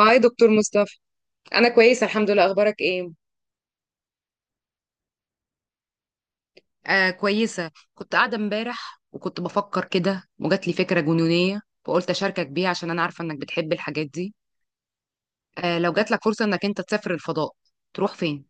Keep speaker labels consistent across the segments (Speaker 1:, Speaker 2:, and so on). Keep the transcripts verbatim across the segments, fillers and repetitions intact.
Speaker 1: هاي دكتور مصطفى. انا كويسه الحمد لله، اخبارك ايه؟ آه، كويسة، كنت قاعدة امبارح وكنت بفكر كده وجات لي فكرة جنونية فقلت أشاركك بيها عشان أنا عارفة إنك بتحب الحاجات دي. آه، لو جات لك فرصة إنك أنت تسافر الفضاء تروح فين؟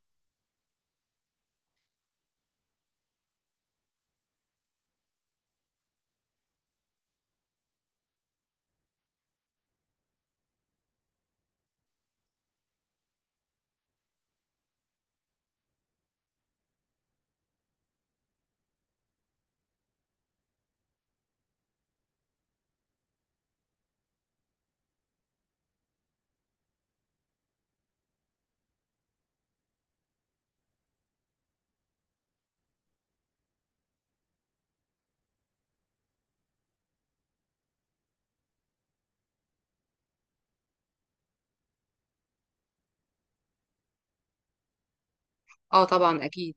Speaker 1: اه، طبعا اكيد.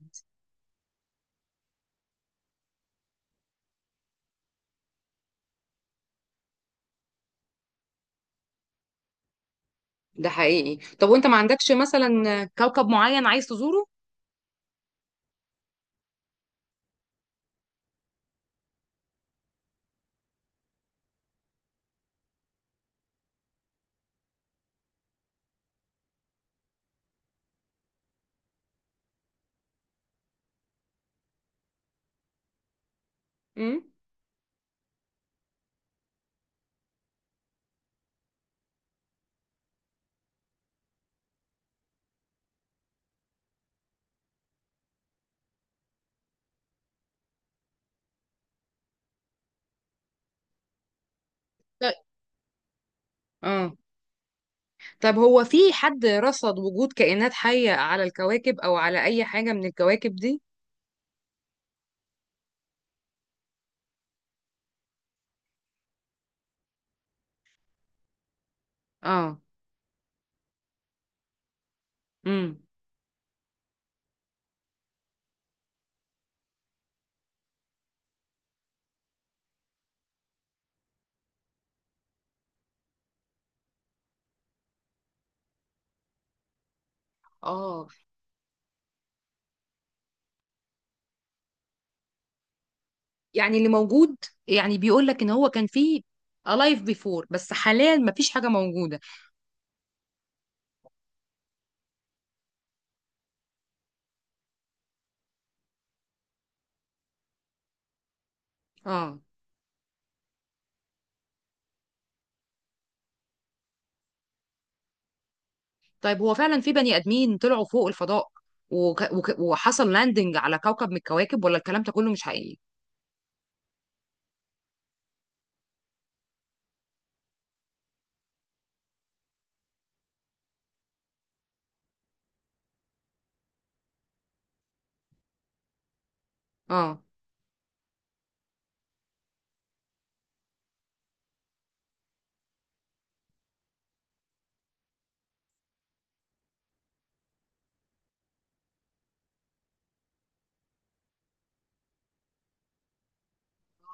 Speaker 1: ده حقيقي. طب وانت ما عندكش مثلا كوكب معين عايز تزوره؟ امم. طيب. اه، طب هو في حد رصد وجود كائنات حيه على الكواكب او على اي حاجه من الكواكب دي؟ آه. امم. اه، يعني اللي موجود، يعني بيقول لك ان هو كان فيه alive before بس حاليا مفيش حاجة موجودة. اه. طيب هو فعلا في بني ادمين طلعوا فوق الفضاء وك... وك... وحصل لاندنج على كوكب من الكواكب ولا الكلام ده كله مش حقيقي؟ اه.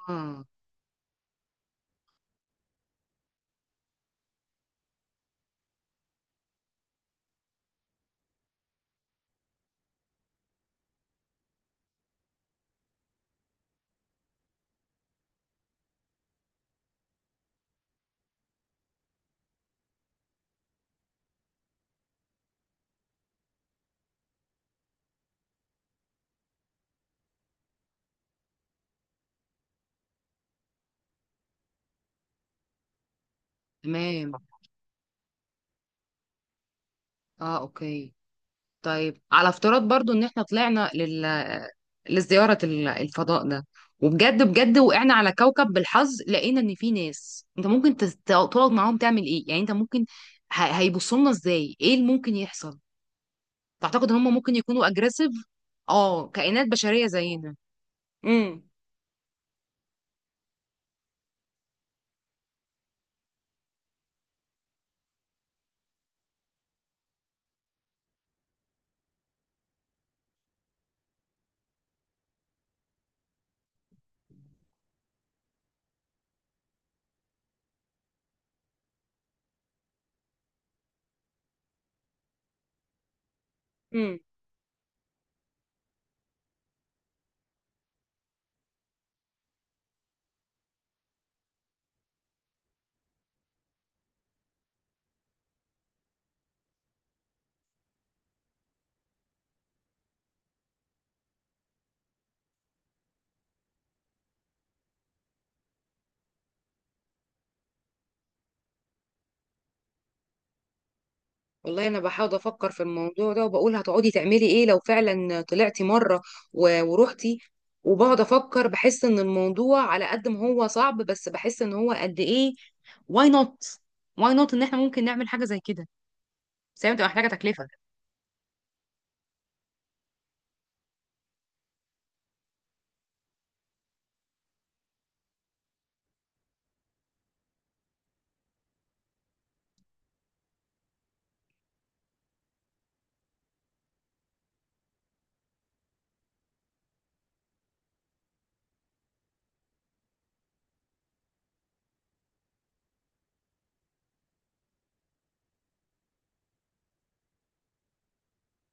Speaker 1: اه، تمام. اه، اوكي. طيب على افتراض برضو ان احنا طلعنا لل... لزيارة ال- الفضاء ده، وبجد بجد وقعنا على كوكب بالحظ، لقينا ان في ناس انت ممكن تس- تقعد معاهم، تعمل ايه يعني؟ انت ممكن ه- هيبصوا لنا ازاي، ايه اللي ممكن يحصل؟ تعتقد ان هم ممكن يكونوا اجريسيف؟ اه، كائنات بشريه زينا؟ امم. امم. والله انا بحاول افكر في الموضوع ده وبقول هتقعدي تعملي ايه لو فعلا طلعتي مره و- ورحتي. وبقعد افكر، بحس ان الموضوع على قد ما هو صعب بس بحس ان هو قد ايه. واي نوت، واي نوت ان احنا ممكن نعمل حاجه زي كده. بس هي بتبقى محتاجه تكلفه.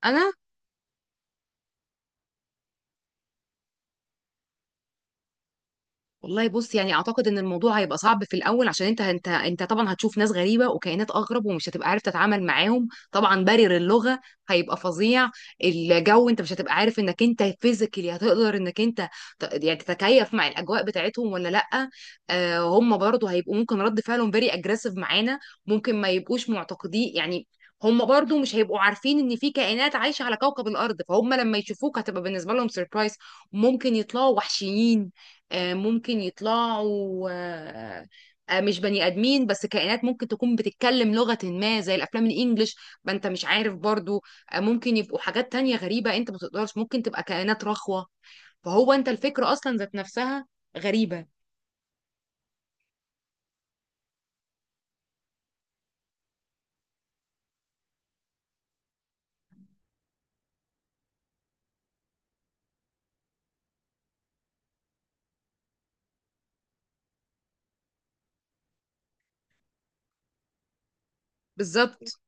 Speaker 1: انا والله بص، يعني اعتقد ان الموضوع هيبقى صعب في الاول، عشان انت انت انت طبعا هتشوف ناس غريبه وكائنات اغرب، ومش هتبقى عارف تتعامل معاهم، طبعا بارير اللغه هيبقى فظيع. الجو، انت مش هتبقى عارف انك انت فيزيكالي هتقدر انك انت ت- يعني تتكيف مع الاجواء بتاعتهم ولا لا. آه، هم برضو هيبقوا ممكن رد فعلهم فيري اجريسيف معانا. ممكن ما يبقوش معتقدين يعني، هم برضو مش هيبقوا عارفين ان في كائنات عايشه على كوكب الارض، فهم لما يشوفوك هتبقى بالنسبه لهم سيربرايز. ممكن يطلعوا وحشيين، آه، ممكن يطلعوا آه، آه، مش بني ادمين بس كائنات ممكن تكون بتتكلم لغة ما زي الافلام الانجليش، ما انت مش عارف برضو. آه، ممكن يبقوا حاجات تانية غريبة انت ما تقدرش، ممكن تبقى كائنات رخوة. فهو انت الفكرة اصلا ذات نفسها غريبة. بالظبط،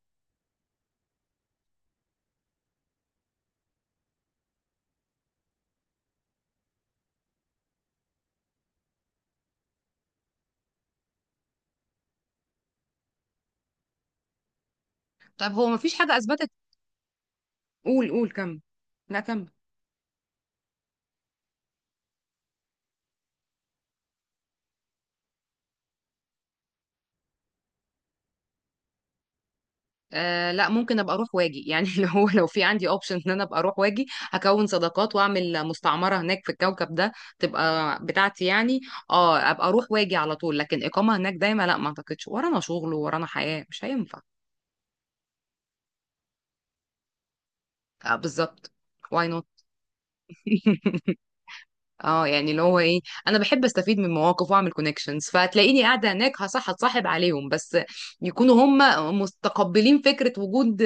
Speaker 1: طب هو ما فيش حاجة اثبتت. قول قول، كم، لا كم. آه، لا، ممكن ابقى اروح واجي يعني اللي هو لو في عندي اوبشن ان انا ابقى اروح واجي، هكون صداقات واعمل مستعمره هناك في الكوكب ده، تبقى بتاعتي يعني. اه، ابقى اروح واجي على طول، لكن اقامه هناك دايما لا، ما اعتقدش، ورانا شغل ورانا حياه، مش هينفع. آه، بالظبط. واي نوت. اه، يعني اللي هو ايه، انا بحب استفيد من مواقف واعمل كونكشنز، فتلاقيني قاعده هناك هصح اتصاحب عليهم، بس يكونوا هم مستقبلين فكره وجود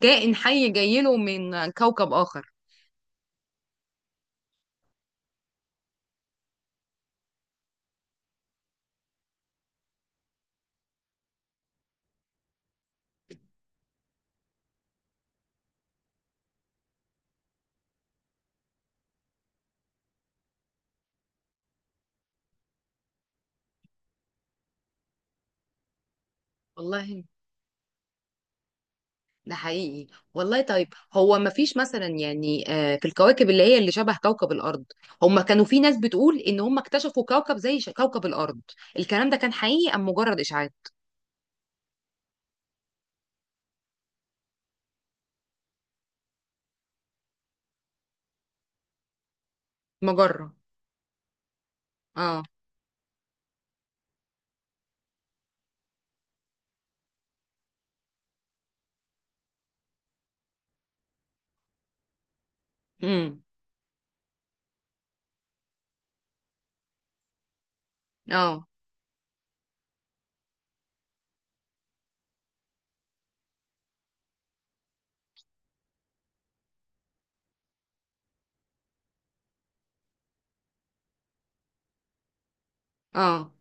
Speaker 1: كائن حي جاي له من كوكب اخر. والله ده حقيقي. والله طيب، هو ما فيش مثلا يعني، آه، في الكواكب اللي هي اللي شبه كوكب الأرض، هم كانوا في ناس بتقول إن هم اكتشفوا كوكب زي ش- كوكب الأرض. الكلام ده كان حقيقي أم مجرد إشاعات؟ مجرة. اه. امم. اه. اه.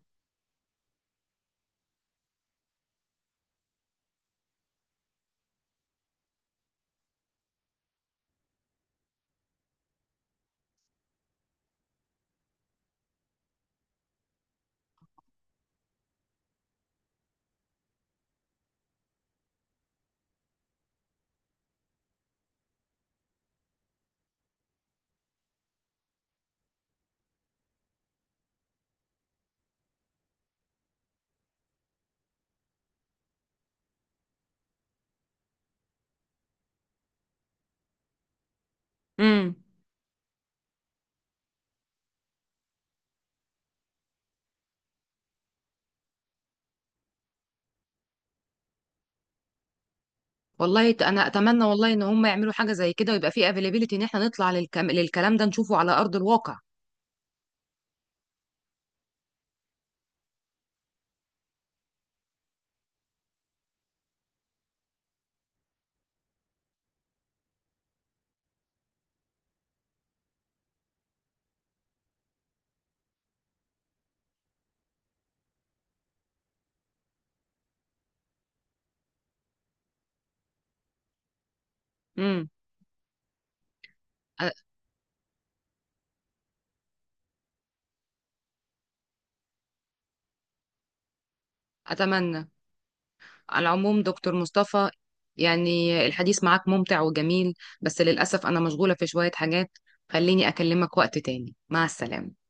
Speaker 1: امم. والله، ت- انا اتمنى والله ان هم يعملوا حاجه زي كده، ويبقى في افيلابيلتي ان احنا نطلع للكم... للكلام ده نشوفه على ارض الواقع. امم. أ- اتمنى. على العموم دكتور مصطفى، يعني الحديث معاك ممتع وجميل، بس للأسف أنا مشغولة في شوية حاجات، خليني أكلمك وقت تاني. مع السلامة.